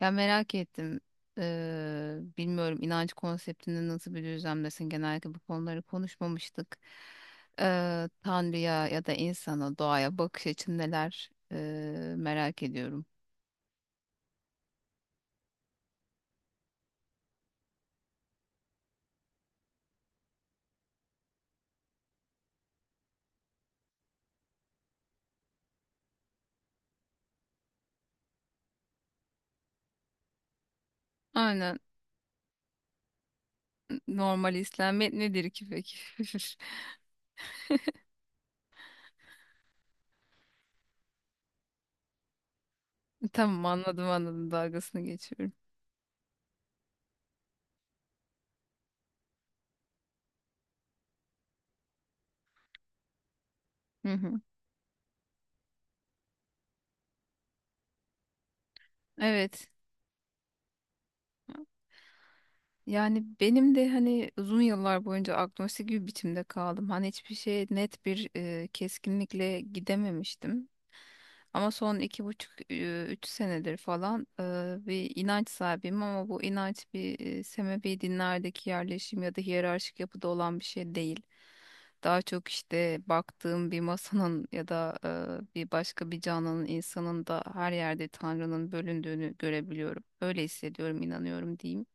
Ya merak ettim. Bilmiyorum inanç konseptinde nasıl bir düzlemdesin. Genellikle bu konuları konuşmamıştık. Tanrı'ya ya da insana, doğaya bakış açın neler merak ediyorum. Aynen. Normal İslamiyet nedir ki peki? Tamam, anladım anladım, dalgasını geçiyorum. Hı hı. Evet. Yani benim de hani uzun yıllar boyunca agnostik bir biçimde kaldım. Hani hiçbir şeye net bir keskinlikle gidememiştim. Ama son iki buçuk, üç senedir falan bir inanç sahibiyim ama bu inanç bir sebebi dinlerdeki yerleşim ya da hiyerarşik yapıda olan bir şey değil. Daha çok işte baktığım bir masanın ya da bir başka bir canlının, insanın da her yerde Tanrı'nın bölündüğünü görebiliyorum. Öyle hissediyorum, inanıyorum diyeyim.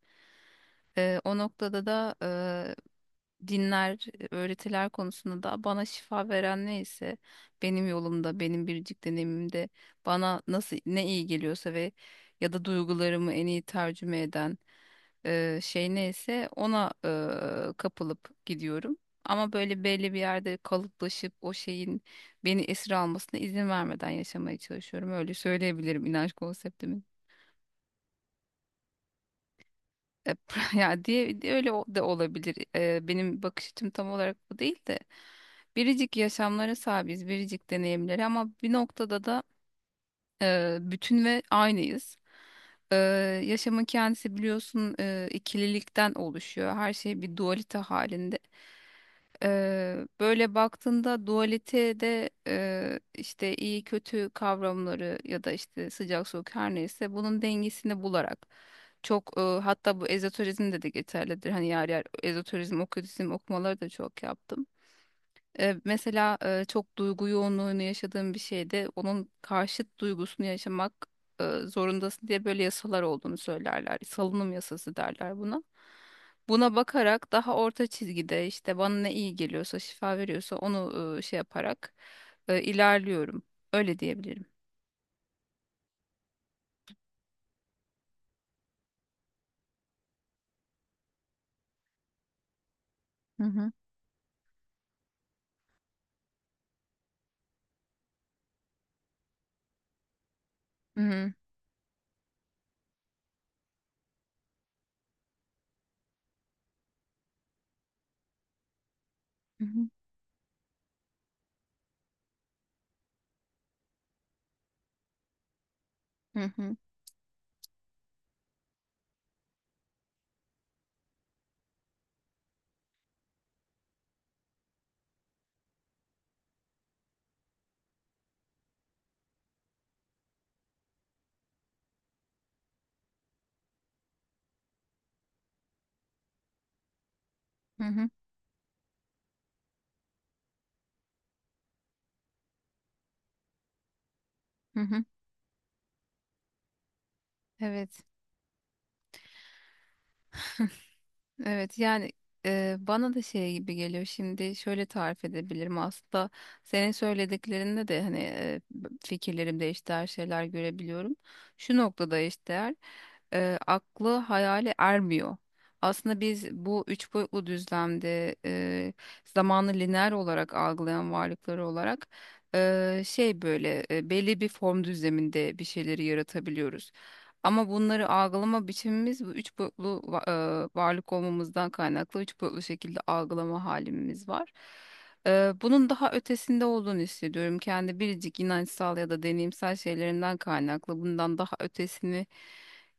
O noktada da dinler, öğretiler konusunda da bana şifa veren neyse benim yolumda, benim biricik deneyimimde bana nasıl ne iyi geliyorsa ve ya da duygularımı en iyi tercüme eden şey neyse ona kapılıp gidiyorum. Ama böyle belli bir yerde kalıplaşıp o şeyin beni esir almasına izin vermeden yaşamaya çalışıyorum. Öyle söyleyebilirim inanç konseptimi. E, Ya diye diye öyle da olabilir. Benim bakış açım tam olarak bu değil de biricik yaşamlara sahibiz, biricik deneyimlere ama bir noktada da bütün ve aynıyız. E, Yaşamın kendisi biliyorsun ikililikten oluşuyor. Her şey bir dualite halinde. Böyle baktığında dualitede işte iyi kötü kavramları ya da işte sıcak soğuk her neyse bunun dengesini bularak çok hatta bu ezoterizm de geçerlidir. Hani yer yer ezoterizm, okültizm okumaları da çok yaptım. Mesela çok duygu yoğunluğunu yaşadığın bir şeyde onun karşıt duygusunu yaşamak zorundasın diye böyle yasalar olduğunu söylerler. Salınım yasası derler buna. Buna bakarak daha orta çizgide işte bana ne iyi geliyorsa, şifa veriyorsa onu şey yaparak ilerliyorum. Öyle diyebilirim. Hı hı. Hı hı. Hı hı. Hı hı. Hı hı. Hı hı. Evet. Evet, yani bana da şey gibi geliyor şimdi şöyle tarif edebilirim aslında senin söylediklerinde de hani fikirlerimde eşdeğer şeyler görebiliyorum. Şu noktada eşdeğer aklı hayale ermiyor. Aslında biz bu üç boyutlu düzlemde zamanı lineer olarak algılayan varlıkları olarak şey böyle belli bir form düzleminde bir şeyleri yaratabiliyoruz. Ama bunları algılama biçimimiz bu üç boyutlu varlık olmamızdan kaynaklı üç boyutlu şekilde algılama halimiz var. Bunun daha ötesinde olduğunu hissediyorum. Kendi biricik inançsal ya da deneyimsel şeylerimden kaynaklı. Bundan daha ötesini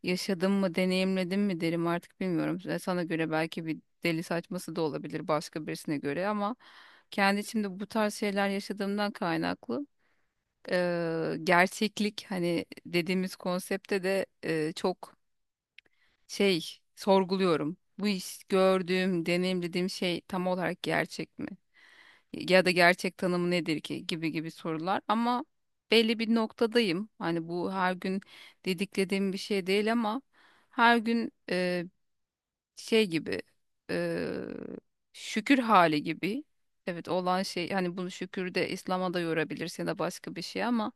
yaşadım mı, deneyimledim mi derim artık bilmiyorum. Sana göre belki bir deli saçması da olabilir başka birisine göre ama kendi içimde bu tarz şeyler yaşadığımdan kaynaklı gerçeklik hani dediğimiz konsepte de çok şey sorguluyorum. Bu iş gördüğüm, deneyimlediğim şey tam olarak gerçek mi? Ya da gerçek tanımı nedir ki gibi gibi sorular ama belli bir noktadayım. Hani bu her gün dediklediğim bir şey değil ama her gün şey gibi e, şükür hali gibi. Evet olan şey hani bunu şükür de İslam'a da yorabilirsin ya da başka bir şey ama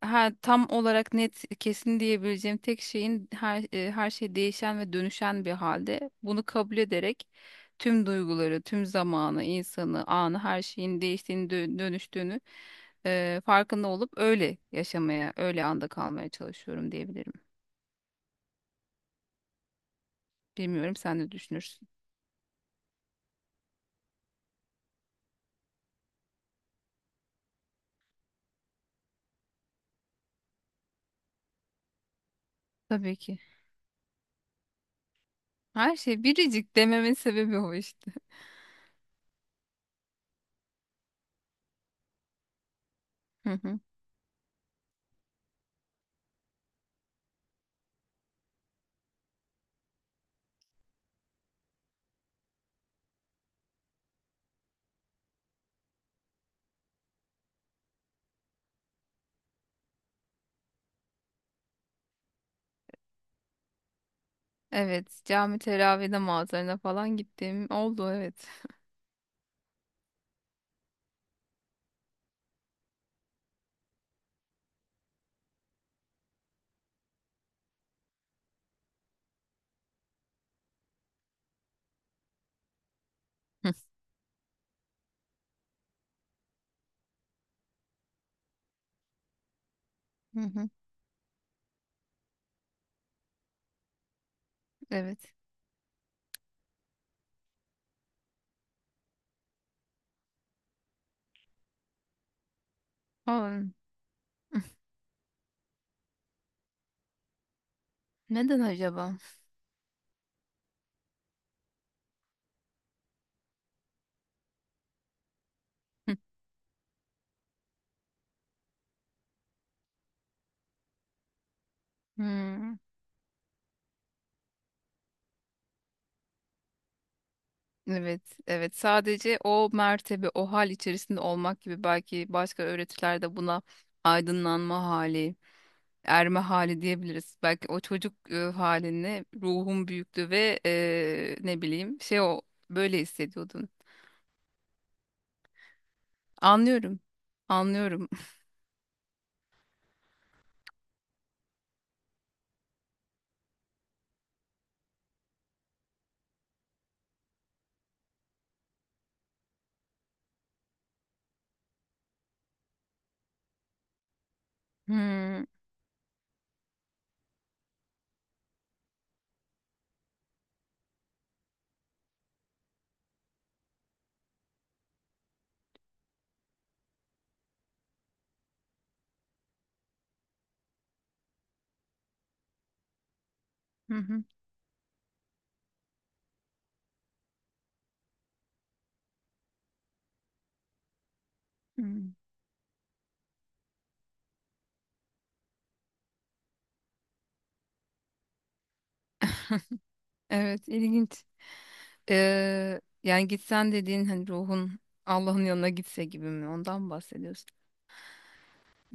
ha, tam olarak net kesin diyebileceğim tek şeyin her şey değişen ve dönüşen bir halde bunu kabul ederek tüm duyguları, tüm zamanı, insanı, anı her şeyin değiştiğini, dönüştüğünü farkında olup öyle yaşamaya, öyle anda kalmaya çalışıyorum diyebilirim. Bilmiyorum, sen ne düşünürsün? Tabii ki. Her şey biricik dememin sebebi o işte. Hı hı. Evet, cami teravide mağazalarına falan gittiğim oldu, evet. Hı hı. Evet. Oldu. Neden acaba? Hmm. Evet, evet. Sadece o mertebe, o hal içerisinde olmak gibi belki başka öğretilerde buna aydınlanma hali, erme hali diyebiliriz. Belki o çocuk halini ruhun büyüktü ve ne bileyim şey o böyle hissediyordun. Anlıyorum, anlıyorum. Hmm. Hı hı, hı. Evet, ilginç. Yani gitsen dediğin hani ruhun Allah'ın yanına gitse gibi mi? Ondan mı bahsediyorsun?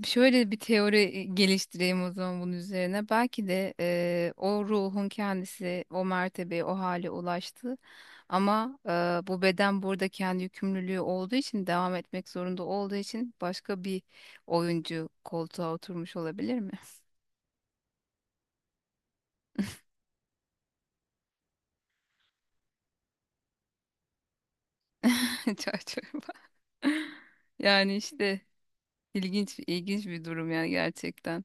Şöyle bir teori geliştireyim o zaman bunun üzerine. Belki de o ruhun kendisi o mertebeye, o hale ulaştı. Ama bu beden burada kendi yükümlülüğü olduğu için, devam etmek zorunda olduğu için başka bir oyuncu koltuğa oturmuş olabilir mi? Çay çorba. Yani işte ilginç ilginç bir durum yani gerçekten.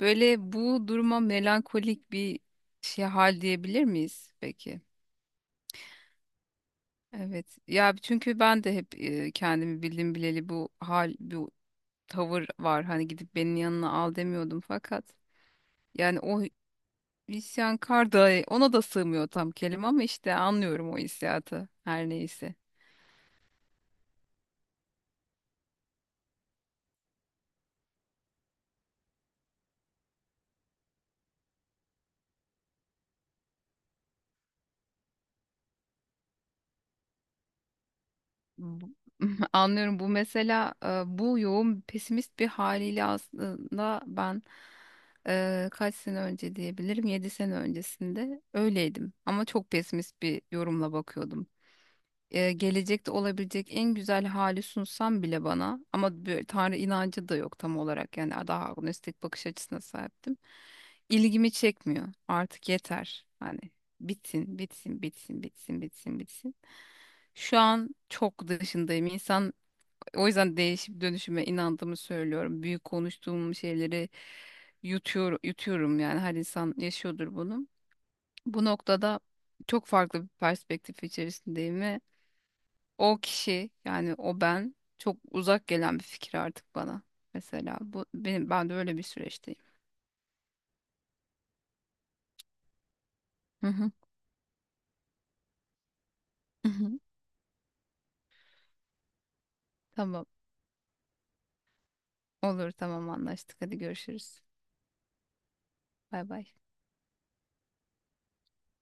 Böyle bu duruma melankolik bir şey hal diyebilir miyiz peki? Evet. Ya çünkü ben de hep kendimi bildim bileli bu hal, bu tavır var. Hani gidip benim yanına al demiyordum fakat yani o isyankar da ona da sığmıyor tam kelime ama işte anlıyorum o hissiyatı her neyse. Bu- Anlıyorum, bu mesela bu yoğun pesimist bir haliyle aslında ben kaç sene önce diyebilirim 7 sene öncesinde öyleydim ama çok pesimist bir yorumla bakıyordum gelecekte olabilecek en güzel hali sunsam bile bana ama böyle Tanrı inancı da yok tam olarak yani daha agnostik bakış açısına sahiptim. İlgimi çekmiyor. Artık yeter. Hani bitsin, bitsin, bitsin, bitsin, bitsin, bitsin. Şu an çok dışındayım. İnsan o yüzden değişip dönüşüme inandığımı söylüyorum. Büyük konuştuğum şeyleri yutuyorum yani her insan yaşıyordur bunu. Bu noktada çok farklı bir perspektif içerisindeyim o kişi yani o ben çok uzak gelen bir fikir artık bana. Mesela bu benim ben de öyle bir süreçteyim. Hı hı. Hı hı. Tamam. Olur, tamam, anlaştık. Hadi görüşürüz. Bay bay.